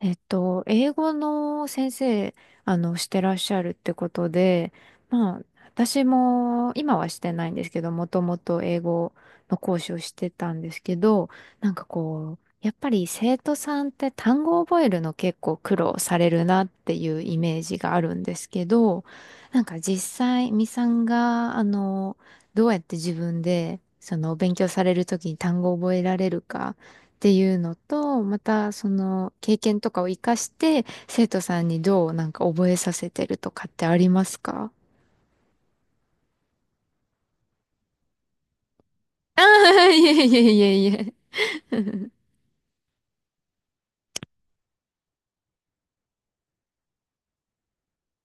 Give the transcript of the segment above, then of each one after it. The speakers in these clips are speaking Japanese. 英語の先生、してらっしゃるってことで、まあ、私も今はしてないんですけど、もともと英語の講師をしてたんですけど、なんかこう、やっぱり生徒さんって単語を覚えるの結構苦労されるなっていうイメージがあるんですけど、なんか実際、みさんが、どうやって自分で、勉強されるときに単語を覚えられるか、っていうのと、またその経験とかを活かして生徒さんにどうなんか覚えさせてるとかってありますか？ああー、いえいえいえいえ。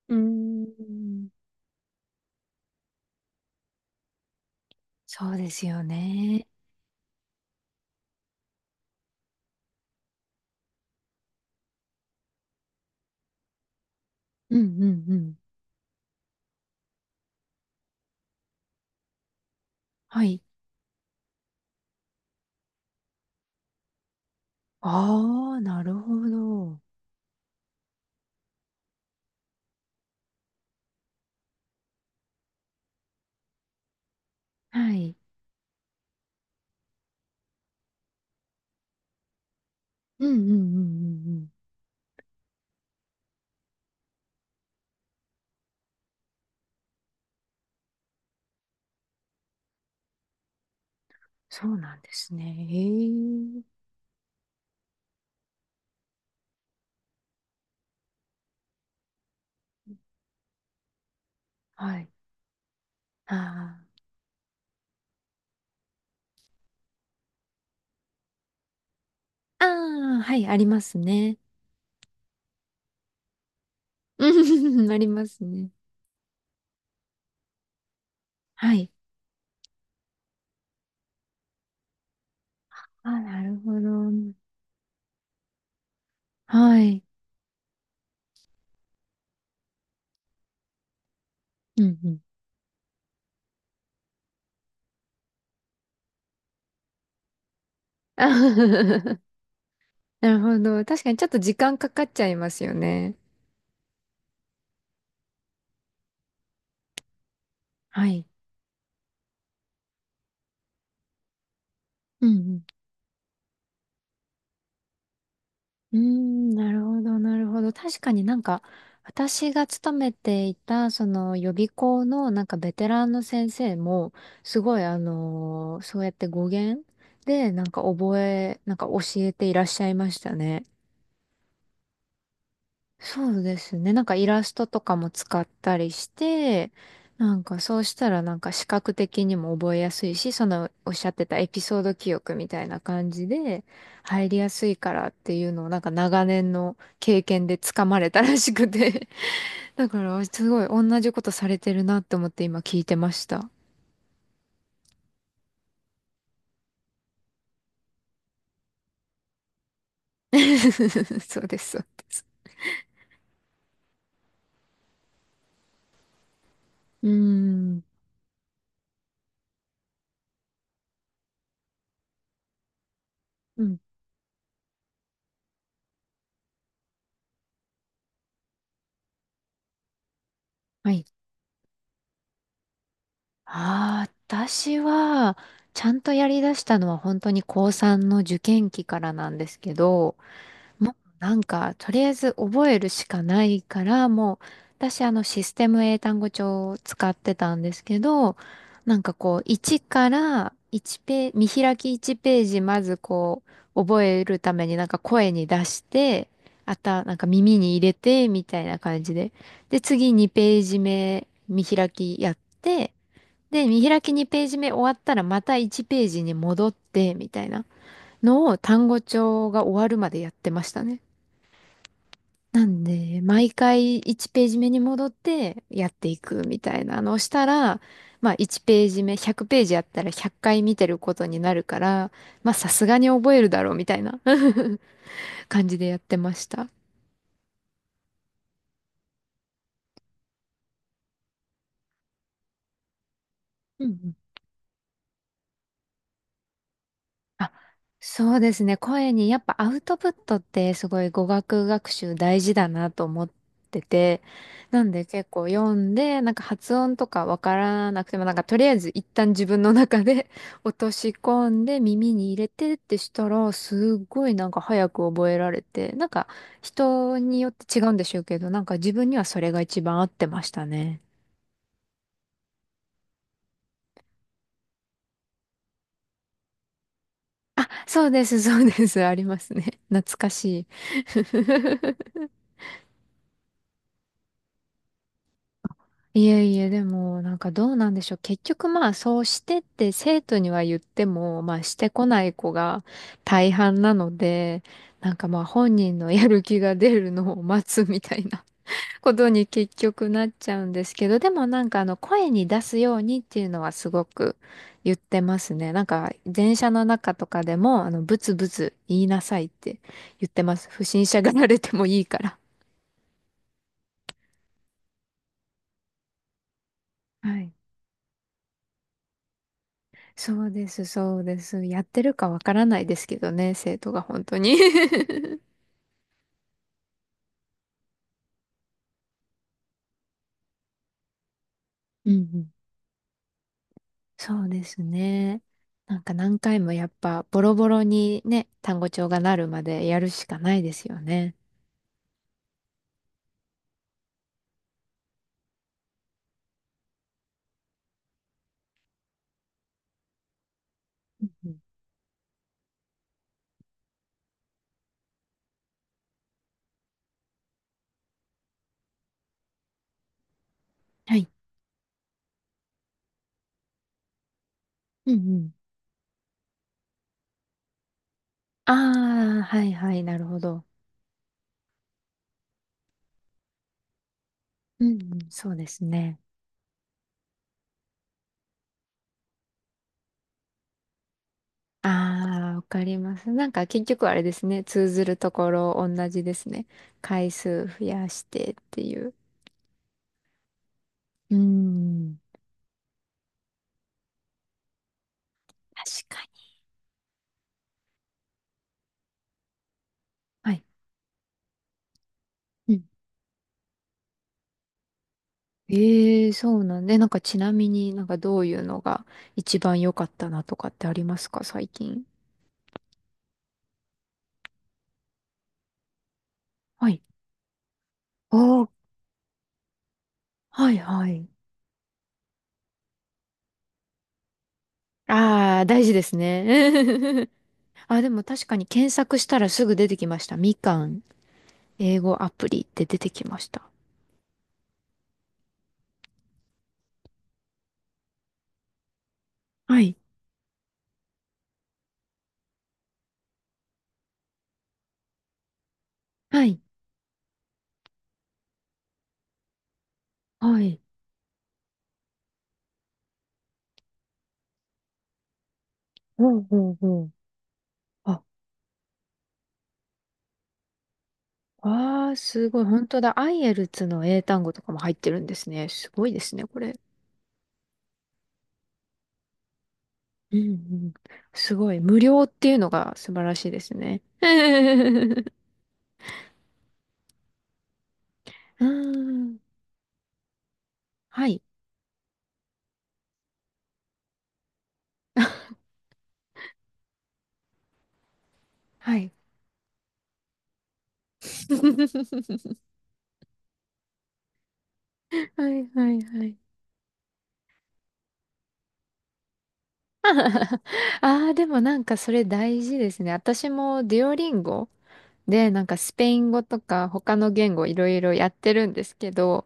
うーん、そうですよね。うんうんうん。はい。ああ、なるほど。はい。うんうんうんうんうん。そうなんですね。へえ。はい。ああ。ああ、はい、ありますね。うん ありますね。はい。あ、なるほど。はい。うんうん。なるほど。確かにちょっと時間かかっちゃいますよね。はい。うんうん。うーん、なるほど、なるほど。確かになんか、私が勤めていた、その予備校のなんかベテランの先生も、すごいそうやって語源で、なんか覚え、なんか教えていらっしゃいましたね。そうですね。なんかイラストとかも使ったりして、なんかそうしたらなんか視覚的にも覚えやすいし、そのおっしゃってたエピソード記憶みたいな感じで入りやすいからっていうのをなんか長年の経験でつかまれたらしくて。だからすごい同じことされてるなって思って今聞いてました。そうです、そうです。うーん。うん。はい。ああ、私は、ちゃんとやりだしたのは本当に高3の受験期からなんですけど、もうなんか、とりあえず覚えるしかないから、もう、私システム英単語帳を使ってたんですけど、なんかこう、1から1ペ見開き1ページまず覚えるためになんか声に出して、なんか耳に入れて、みたいな感じで。で、次2ページ目見開きやって、で、見開き2ページ目終わったらまた1ページに戻って、みたいなのを単語帳が終わるまでやってましたね。なんで、毎回1ページ目に戻ってやっていくみたいなのをしたら、まあ1ページ目、100ページやったら100回見てることになるから、まあさすがに覚えるだろうみたいな 感じでやってました。うんうん。あ、そうですね。声にやっぱアウトプットってすごい語学学習大事だなと思ってて、なんで結構読んで、なんか発音とかわからなくても、なんかとりあえず一旦自分の中で 落とし込んで耳に入れてってしたら、すっごいなんか早く覚えられて、なんか人によって違うんでしょうけど、なんか自分にはそれが一番合ってましたね。あ、そうです、そうです。ありますね。懐かしい。いえいえ、でも、なんかどうなんでしょう。結局まあ、そうしてって生徒には言っても、まあ、してこない子が大半なので、なんかまあ、本人の やる気が出るのを待つみたいな ことに結局なっちゃうんですけど、でもなんか声に出すようにっていうのはすごく言ってますね。なんか、電車の中とかでも、ブツブツ言いなさいって言ってます。不審者がられてもいいから。はい。そうです、そうです。やってるかわからないですけどね、生徒が本当に うんうん。そうですね。なんか何回もやっぱボロボロにね、単語帳がなるまでやるしかないですよね。うんうん。はい。うんうん。ああ、はいはい、なるほど。うんうん。そうですね。ああ、わかります。なんか結局あれですね。通ずるところ同じですね。回数増やしてっていう。うーん。確かに。はい。ええ。そうなんで、なんかちなみになんかどういうのが一番良かったなとかってありますか、最近？はい。あー、はいはい。ああ、大事ですね。あ、でも確かに検索したらすぐ出てきました。みかん、英語アプリって出てきました。はい。はい。はい。ほうほうほう。あ、ああ、すごい。本当だ。アイエルツの英単語とかも入ってるんですね。すごいですね、これ。うんうん。すごい。無料っていうのが素晴らしいですね。うーん。はい。はい。はいはいはい。ああ、でもなんかそれ大事ですね。私もデュオリンゴで、なんかスペイン語とか他の言語いろいろやってるんですけど、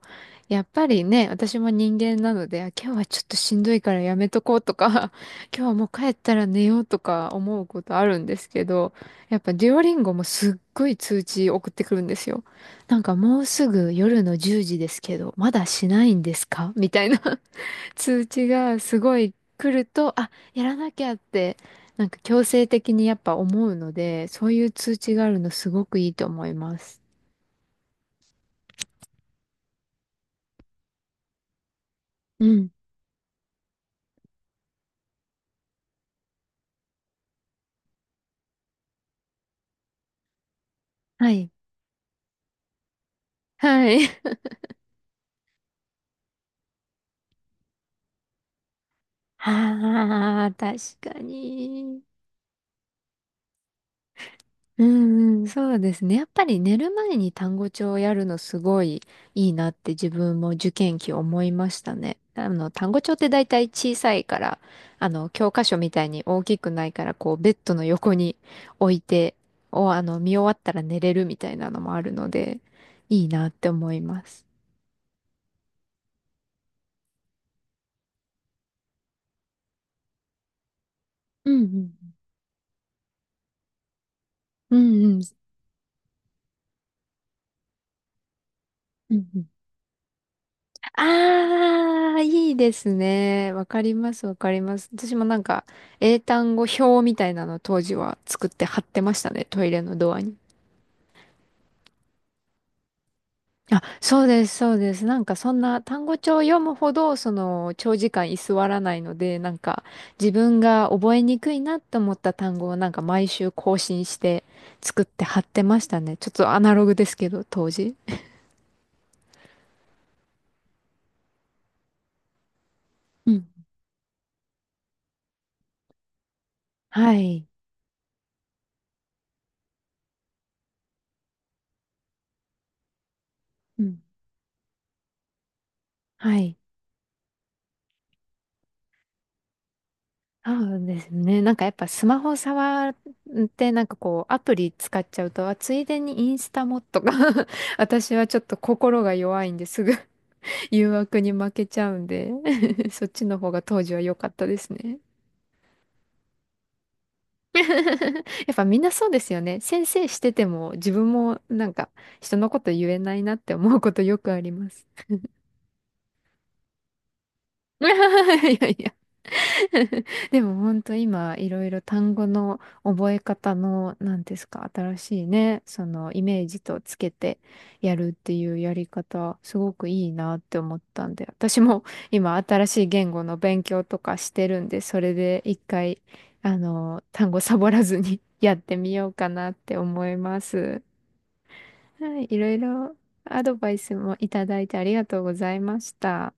やっぱりね、私も人間なので、あ、今日はちょっとしんどいからやめとこうとか、今日はもう帰ったら寝ようとか思うことあるんですけど、やっぱデュオリンゴもすっごい通知送ってくるんですよ。なんかもうすぐ夜の10時ですけど、まだしないんですかみたいな。通知がすごい来ると、あ、やらなきゃって、なんか強制的にやっぱ思うので、そういう通知があるのすごくいいと思います。うん。はい。はい。ああ、確かに。うんうん、そうですね。やっぱり寝る前に単語帳をやるのすごいいいなって自分も受験期思いましたね。単語帳って大体小さいから、教科書みたいに大きくないから、ベッドの横に置いて、お、あの、見終わったら寝れるみたいなのもあるので、いいなって思います。うんうんうんうん。うんうん。ああ、いいですね。わかります、わかります。私もなんか、英単語表みたいなの当時は作って貼ってましたね、トイレのドアに。あ、そうです、そうです。なんかそんな単語帳を読むほど、長時間居座らないので、なんか、自分が覚えにくいなと思った単語をなんか毎週更新して作って貼ってましたね。ちょっとアナログですけど、当時。うん。はい。うん。はい。そうですね。なんかやっぱスマホ触ってなんかこうアプリ使っちゃうと、あ、ついでにインスタもとか 私はちょっと心が弱いんですぐ 誘惑に負けちゃうんで そっちの方が当時は良かったですね。やっぱみんなそうですよね。先生してても自分もなんか人のこと言えないなって思うことよくあります。いやいや でも本当今いろいろ単語の覚え方の何ですか新しいねそのイメージとつけてやるっていうやり方すごくいいなって思ったんで私も 今新しい言語の勉強とかしてるんでそれで一回単語サボらずに やってみようかなって思います。はい、いろいろアドバイスもいただいてありがとうございました。